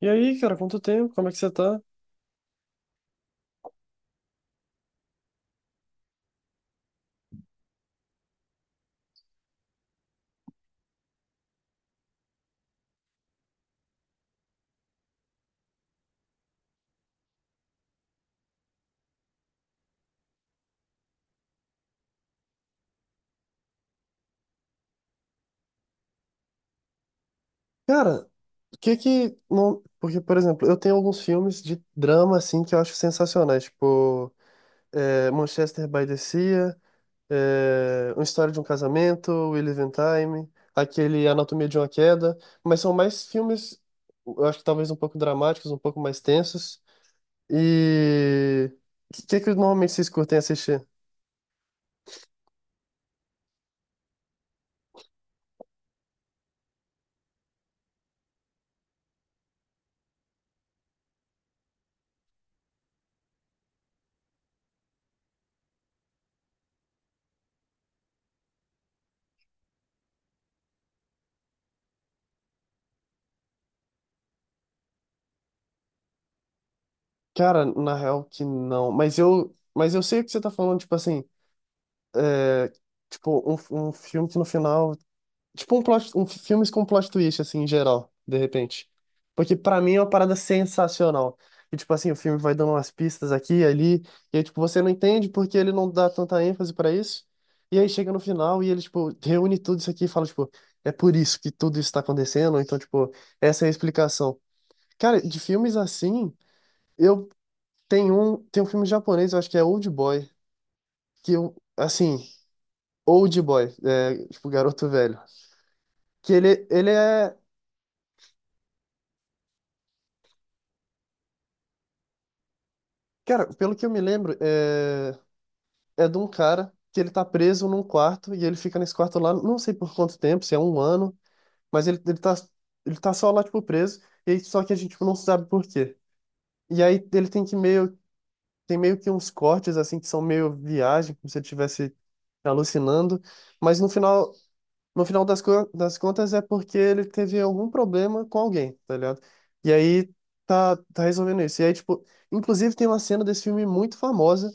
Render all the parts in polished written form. E aí, cara, quanto tempo? Como é que você tá? Cara, o que que. Não... Porque, por exemplo, eu tenho alguns filmes de drama, assim, que eu acho sensacionais. Tipo. Manchester by the Sea, Uma História de um Casamento, We Live in Time, aquele Anatomia de uma Queda, mas são mais filmes, eu acho que talvez um pouco dramáticos, um pouco mais tensos. E o que normalmente vocês curtem assistir? Cara, na real que não, mas eu sei o que você tá falando, tipo assim, é, tipo um filme que no final. Tipo um plot, filmes com plot twist, assim, em geral, de repente. Porque pra mim é uma parada sensacional. E, tipo assim, o filme vai dando umas pistas aqui e ali, e aí, tipo, você não entende porque ele não dá tanta ênfase pra isso. E aí chega no final e ele, tipo, reúne tudo isso aqui e fala, tipo, é por isso que tudo isso tá acontecendo, então, tipo, essa é a explicação. Cara, de filmes assim, eu tenho um, tem um filme japonês, eu acho que é Old Boy, que eu, assim, Old Boy, é, tipo, garoto velho que ele é. Cara, pelo que eu me lembro, é de um cara que ele tá preso num quarto e ele fica nesse quarto lá, não sei por quanto tempo, se é um ano, mas ele tá só lá, tipo, preso, só que a gente tipo, não sabe por quê. E aí ele tem tem meio que uns cortes, assim, que são meio viagem, como se ele estivesse alucinando, mas no final, no final das contas é porque ele teve algum problema com alguém, tá ligado? E aí tá resolvendo isso. E aí, tipo, inclusive tem uma cena desse filme muito famosa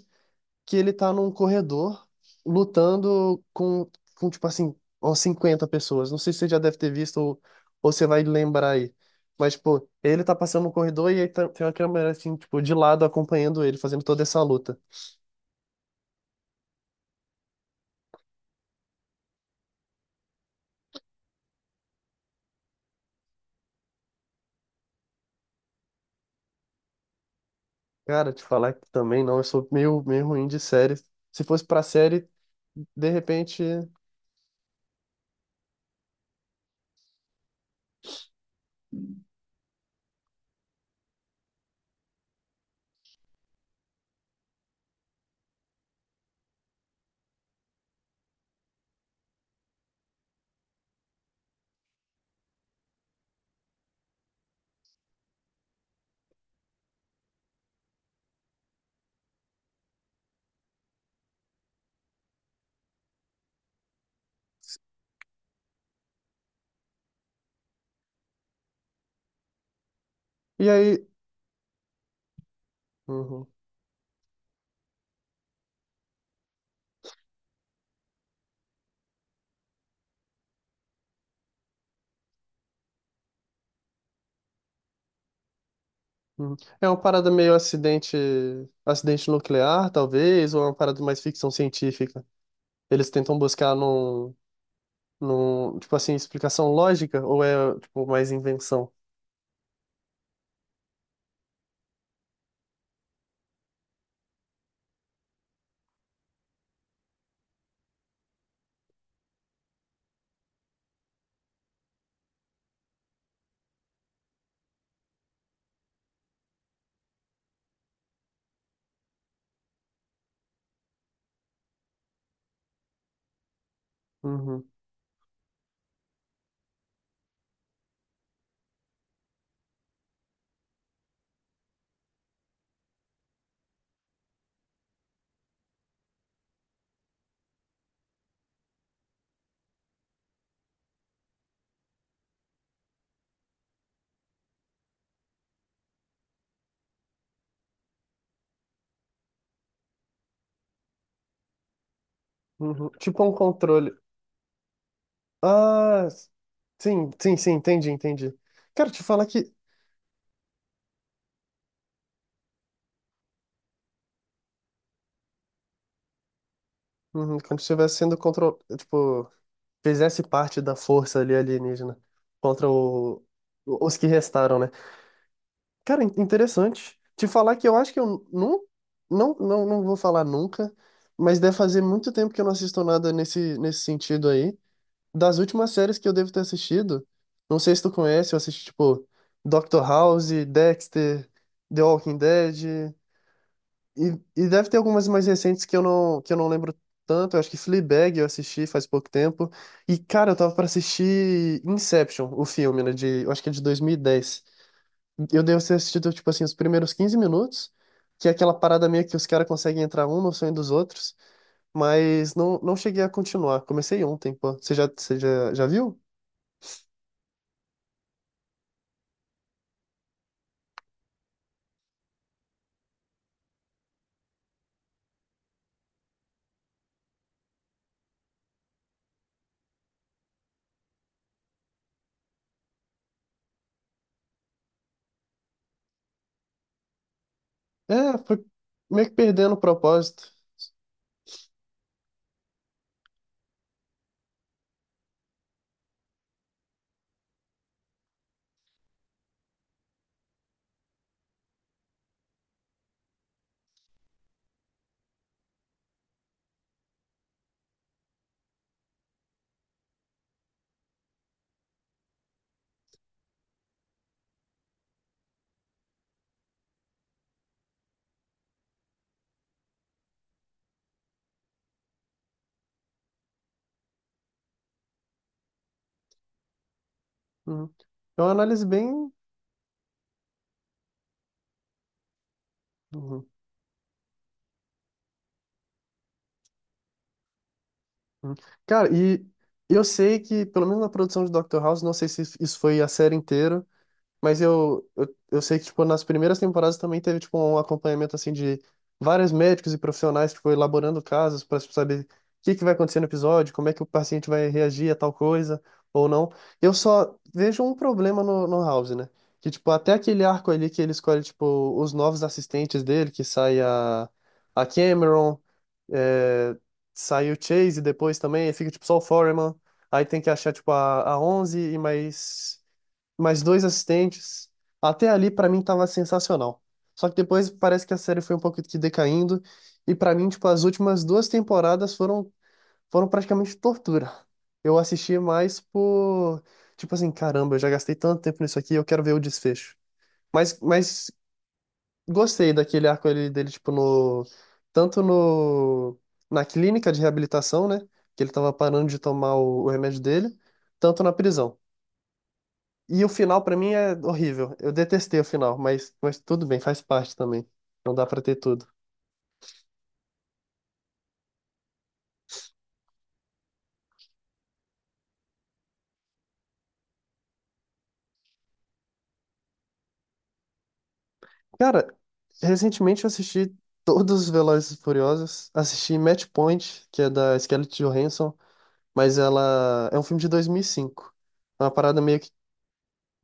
que ele tá num corredor lutando com tipo assim, umas 50 pessoas. Não sei se você já deve ter visto ou você vai lembrar aí. Mas, tipo, ele tá passando no corredor e aí tem uma câmera, assim, tipo, de lado acompanhando ele, fazendo toda essa luta. Cara, te falar que também não, eu sou meio, meio ruim de série. Se fosse pra série, de repente. E aí. Uhum, uhum. É uma parada meio acidente, acidente nuclear, talvez, ou é uma parada mais ficção científica. Eles tentam buscar no tipo assim, explicação lógica ou é tipo mais invenção? Uhum, uhum. Tipo um controle. Ah, sim, sim, sim, entendi, entendi. Quero te falar que uhum, quando estivesse sendo control, tipo, fizesse parte da força ali alienígena contra os que restaram, né? Cara, interessante. Te falar que eu acho que eu não, não, não, não vou falar nunca, mas deve fazer muito tempo que eu não assisto nada nesse sentido aí. Das últimas séries que eu devo ter assistido, não sei se tu conhece, eu assisti, tipo, Doctor House, Dexter, The Walking Dead, e deve ter algumas mais recentes que eu não lembro tanto, eu acho que Fleabag eu assisti faz pouco tempo, e, cara, eu tava pra assistir Inception, o filme, né, de, eu acho que é de 2010. Eu devo ter assistido, tipo assim, os primeiros 15 minutos, que é aquela parada meio que os caras conseguem entrar um no sonho dos outros, mas não cheguei a continuar, comecei ontem, pô. Já viu? É, foi meio que perdendo o propósito. Uhum. É uma análise bem. Uhum, uhum. Cara, e eu sei que, pelo menos na produção de Dr. House, não sei se isso foi a série inteira. Mas eu sei que, tipo, nas primeiras temporadas também teve, tipo, um acompanhamento, assim, de vários médicos e profissionais, tipo, elaborando casos para saber o que que vai acontecer no episódio, como é que o paciente vai reagir a tal coisa ou não. Eu só vejo um problema no House, né? Que, tipo, até aquele arco ali que ele escolhe, tipo, os novos assistentes dele, que sai a Cameron, é, sai o Chase depois também, aí fica, tipo, só o Foreman, aí tem que achar, tipo, a 11 e mais dois assistentes. Até ali, pra mim, tava sensacional. Só que depois parece que a série foi um pouco que decaindo. E pra mim, tipo, as últimas duas temporadas foram praticamente tortura. Eu assisti mais por. Tipo assim, caramba, eu já gastei tanto tempo nisso aqui, eu quero ver o desfecho. Mas gostei daquele arco ali dele, tipo, no. Tanto no. Na clínica de reabilitação, né? Que ele tava parando de tomar o remédio dele, tanto na prisão. E o final pra mim é horrível. Eu detestei o final, mas tudo bem, faz parte também. Não dá pra ter tudo. Cara, recentemente eu assisti todos os Velozes e Furiosos. Assisti Match Point, que é da Scarlett Johansson, mas ela é um filme de 2005. É uma parada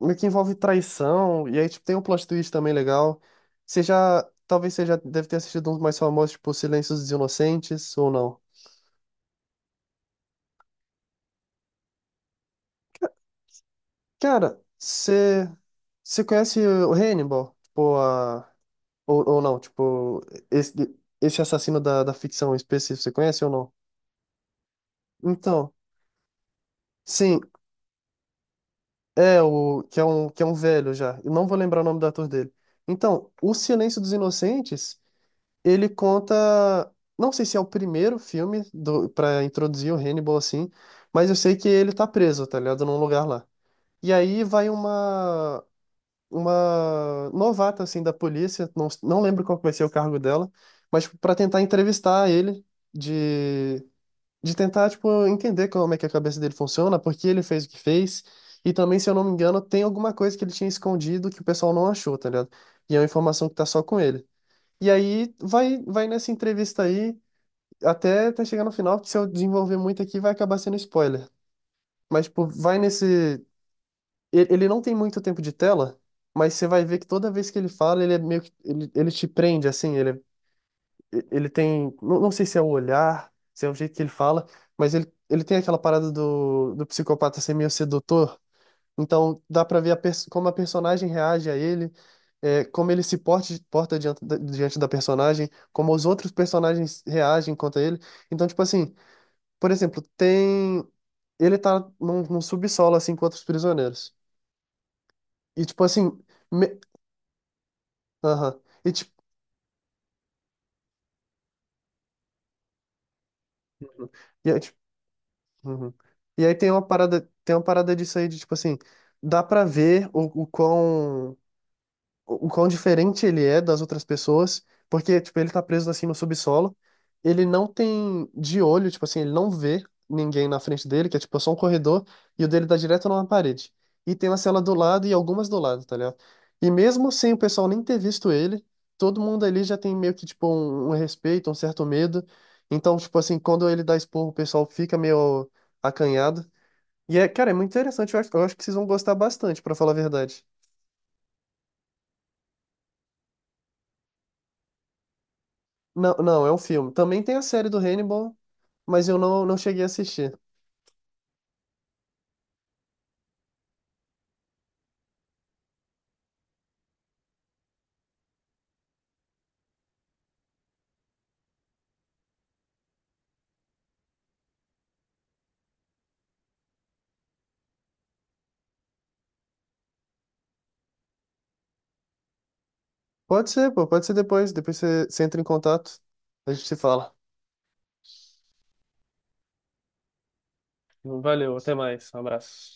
meio que envolve traição, e aí tipo, tem um plot twist também legal. Você já, talvez você já deve ter assistido uns mais famosos, tipo Silêncios dos Inocentes, ou não. Cara, você, você conhece o Hannibal? Tipo, a. Ou não, tipo, esse, esse assassino da ficção específica você conhece ou não? Então, sim, é o que é um velho já. Eu não vou lembrar o nome do ator dele. Então, O Silêncio dos Inocentes, ele conta, não sei se é o primeiro filme do para introduzir o Hannibal assim, mas eu sei que ele tá preso, tá ligado, num lugar lá. E aí vai uma novata assim da polícia, não lembro qual que vai ser o cargo dela, mas para tentar entrevistar ele de de tentar, tipo, entender como é que a cabeça dele funciona, por que ele fez o que fez, e também, se eu não me engano, tem alguma coisa que ele tinha escondido que o pessoal não achou, tá ligado? E é uma informação que tá só com ele. E aí vai nessa entrevista aí até chegar no final, porque se eu desenvolver muito aqui vai acabar sendo spoiler. Mas, tipo, vai nesse. Ele não tem muito tempo de tela, mas você vai ver que toda vez que ele fala, ele é meio que. Ele te prende, assim, ele é ele tem, não sei se é o olhar, se é o jeito que ele fala, mas ele tem aquela parada do psicopata ser meio sedutor, então dá pra ver como a personagem reage a ele, é, como ele se porte- porta, diante da personagem, como os outros personagens reagem contra ele. Então, tipo assim, por exemplo, tem. Ele tá num subsolo, assim, com outros prisioneiros. E, tipo assim. Me... Aham. E, tipo, uhum. E aí tem uma parada disso aí de tipo assim, dá pra ver o quão, o quão diferente ele é das outras pessoas, porque, tipo, ele tá preso assim no subsolo, ele não tem de olho, tipo assim, ele não vê ninguém na frente dele, que é tipo só um corredor, e o dele dá direto numa parede. E tem uma cela do lado e algumas do lado, tá ligado? E mesmo sem o pessoal nem ter visto ele, todo mundo ali já tem meio que, tipo, um respeito, um certo medo. Então, tipo assim, quando ele dá esporro, o pessoal fica meio acanhado. E é, cara, é muito interessante, eu acho que vocês vão gostar bastante, pra falar a verdade. Não, não, é um filme. Também tem a série do Hannibal, mas eu não, não cheguei a assistir. Pode ser, pô, pode ser depois. Depois você entra em contato, a gente se fala. Valeu, até mais. Um abraço.